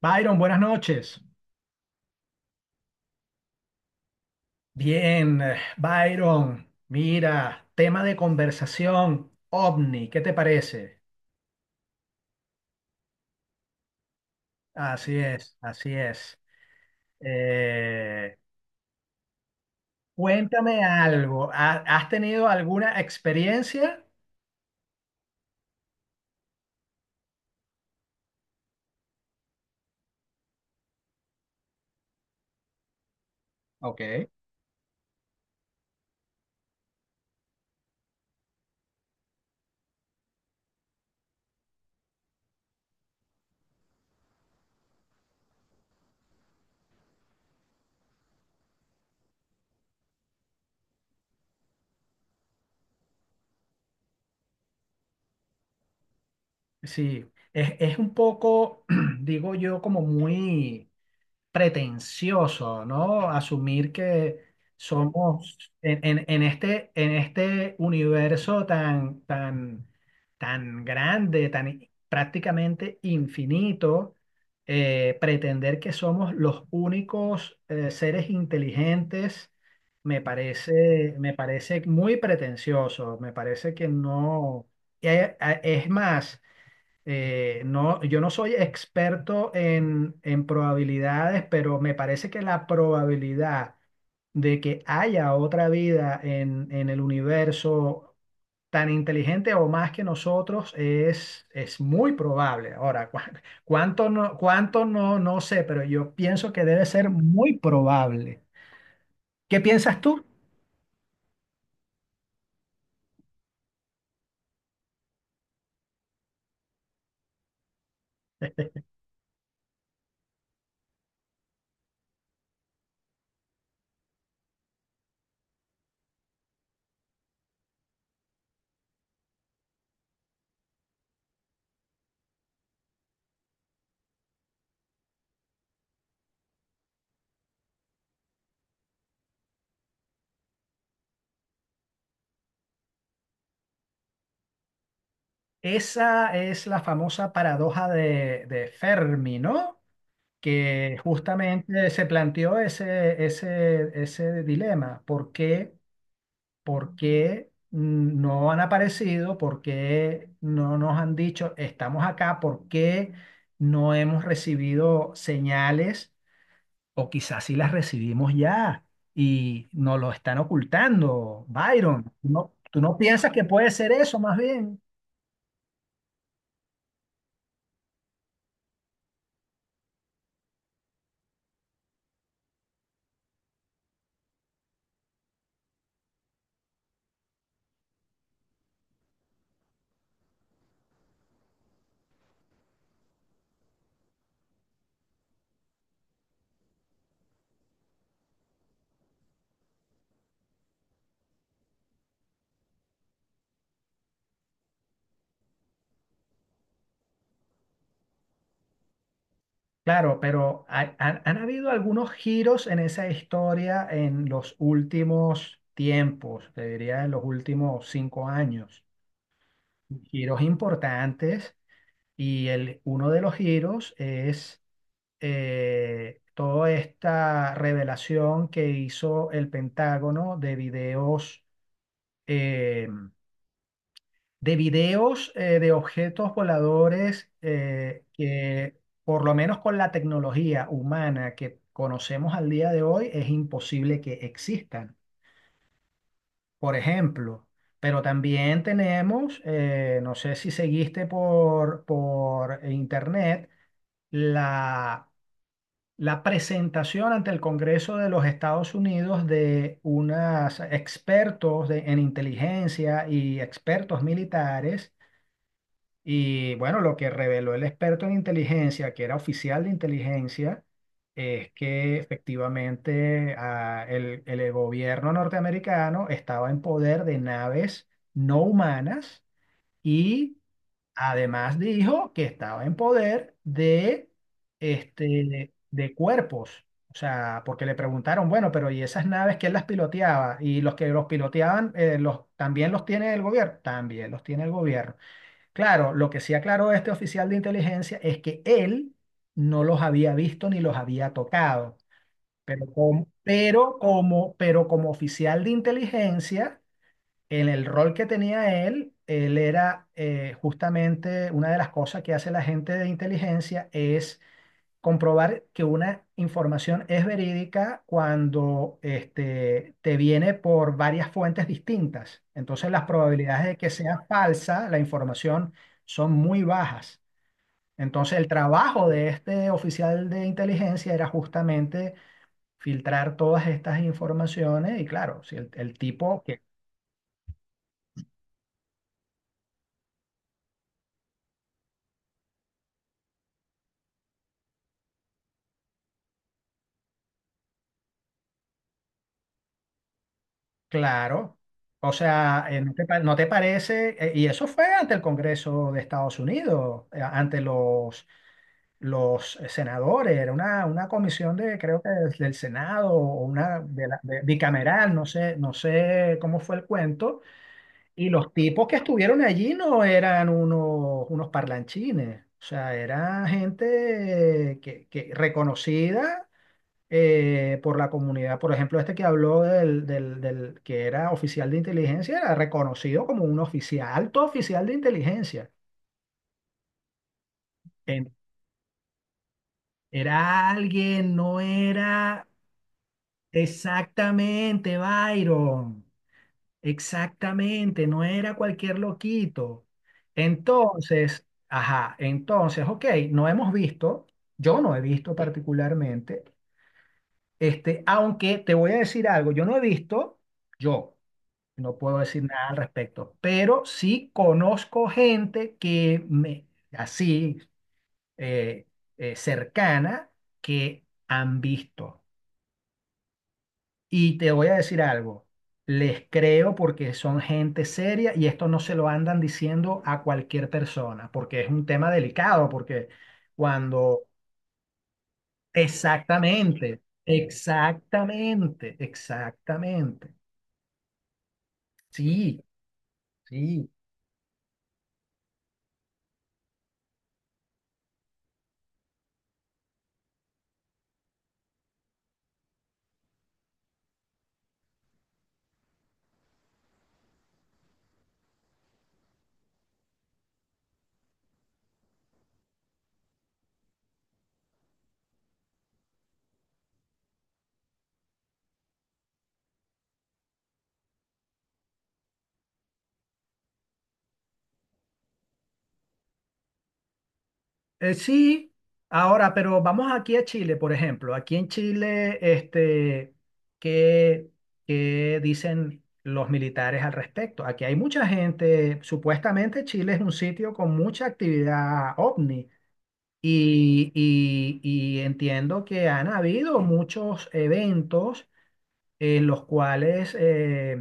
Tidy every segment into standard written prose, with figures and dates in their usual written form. Byron, buenas noches. Bien, Byron, mira, tema de conversación, ovni, ¿qué te parece? Así es, así es. Eh, Cuéntame algo, ¿has tenido alguna experiencia? Ok. Sí, es un poco, digo yo, como muy pretencioso, ¿no? Asumir que somos en este universo tan, tan grande, prácticamente infinito, pretender que somos los únicos seres inteligentes. Me parece muy pretencioso, me parece que no. Es más, no, yo no soy experto en probabilidades, pero me parece que la probabilidad de que haya otra vida en el universo tan inteligente o más que nosotros es muy probable. Ahora, cuánto no, no sé, pero yo pienso que debe ser muy probable. ¿Qué piensas tú? Esa es la famosa paradoja de Fermi, ¿no? Que justamente se planteó ese dilema. ¿Por qué no han aparecido? ¿Por qué no nos han dicho estamos acá? ¿Por qué no hemos recibido señales? O quizás sí las recibimos ya y nos lo están ocultando, Byron. ¿No, tú no piensas que puede ser eso más bien? Claro, pero han habido algunos giros en esa historia en los últimos tiempos, te diría en los últimos 5 años. Giros importantes y uno de los giros es toda esta revelación que hizo el Pentágono de videos em, de objetos voladores por lo menos con la tecnología humana que conocemos al día de hoy, es imposible que existan, por ejemplo. Pero también tenemos, no sé si seguiste por internet, la, la presentación ante el Congreso de los Estados Unidos de unos expertos en inteligencia y expertos militares. Y bueno, lo que reveló el experto en inteligencia, que era oficial de inteligencia, es que efectivamente ah, el gobierno norteamericano estaba en poder de naves no humanas y además dijo que estaba en poder de, este, de cuerpos. O sea, porque le preguntaron, bueno, pero ¿y esas naves quién las piloteaba? Y los que los piloteaban, los, ¿también los tiene el gobierno? También los tiene el gobierno. Claro, lo que sí aclaró este oficial de inteligencia es que él no los había visto ni los había tocado. Pero como oficial de inteligencia, en el rol que tenía él, él era justamente una de las cosas que hace la gente de inteligencia es comprobar que una información es verídica cuando este, te viene por varias fuentes distintas. Entonces las probabilidades de que sea falsa la información son muy bajas. Entonces el trabajo de este oficial de inteligencia era justamente filtrar todas estas informaciones y claro, si el tipo que, claro, o sea, ¿no te, no te parece? Y eso fue ante el Congreso de Estados Unidos, ante los senadores, era una comisión de, creo que del Senado o una bicameral, no sé, no sé cómo fue el cuento, y los tipos que estuvieron allí no eran unos parlanchines, o sea, era gente que reconocida por la comunidad, por ejemplo, este que habló del que era oficial de inteligencia, era reconocido como un oficial, alto oficial de inteligencia. En- Era alguien, no era. Exactamente, Byron. Exactamente, no era cualquier loquito. Entonces, ajá, entonces, ok, no hemos visto, yo no he visto particularmente, este, aunque te voy a decir algo, yo no he visto, yo no puedo decir nada al respecto, pero sí conozco gente que me, así, eh, cercana, que han visto. Y te voy a decir algo, les creo porque son gente seria y esto no se lo andan diciendo a cualquier persona, porque es un tema delicado, porque cuando... Exactamente, exactamente, exactamente. Sí, sí. Sí, ahora, pero vamos aquí a Chile, por ejemplo. Aquí en Chile, este, ¿qué, qué dicen los militares al respecto? Aquí hay mucha gente, supuestamente Chile es un sitio con mucha actividad ovni y, y entiendo que han habido muchos eventos en los cuales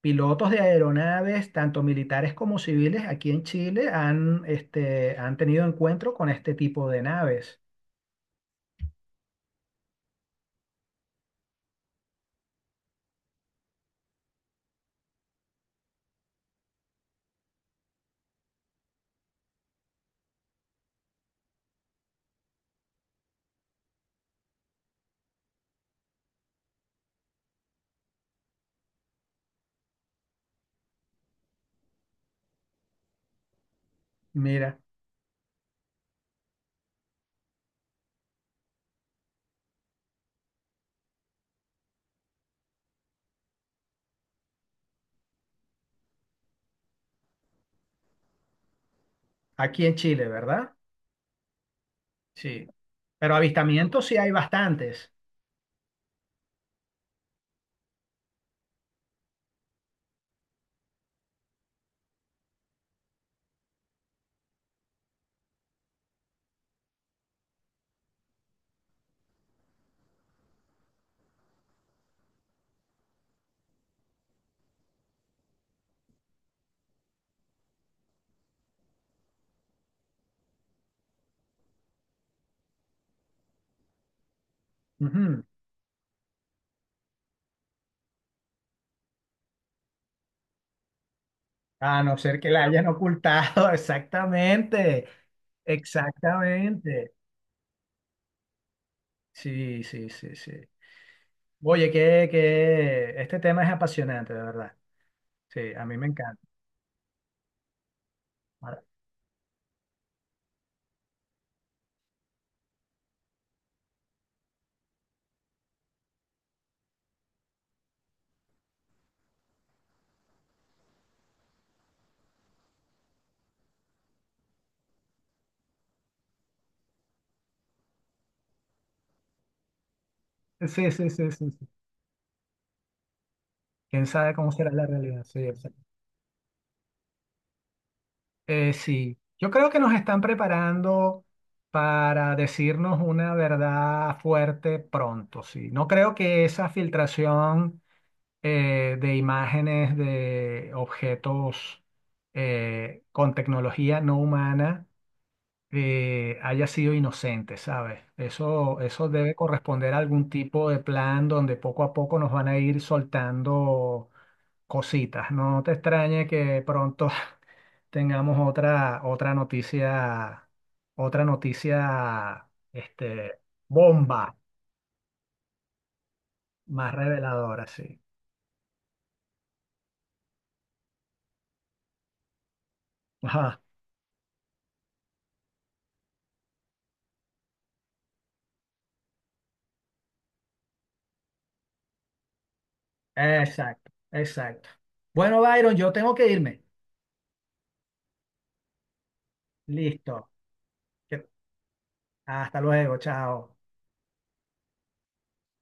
pilotos de aeronaves, tanto militares como civiles, aquí en Chile han, este, han tenido encuentro con este tipo de naves. Mira, aquí en Chile, ¿verdad? Sí. Pero avistamientos sí hay bastantes. Ujú. A no ser que la hayan ocultado, exactamente, exactamente. Sí, sí, sí, sí. Oye, que este tema es apasionante, de verdad. Sí, a mí me encanta. Ahora. Sí, sí, sí, sí. Quién sabe cómo será la realidad. Sí, exacto. Sí, yo creo que nos están preparando para decirnos una verdad fuerte pronto. Sí, no creo que esa filtración de imágenes de objetos con tecnología no humana haya sido inocente, ¿sabes? Eso debe corresponder a algún tipo de plan donde poco a poco nos van a ir soltando cositas. No te extrañe que pronto tengamos otra noticia, este, bomba, más reveladora, sí. Ajá. Exacto, exacto. Bueno, Byron, yo tengo que irme. Listo. Que- Hasta luego, chao.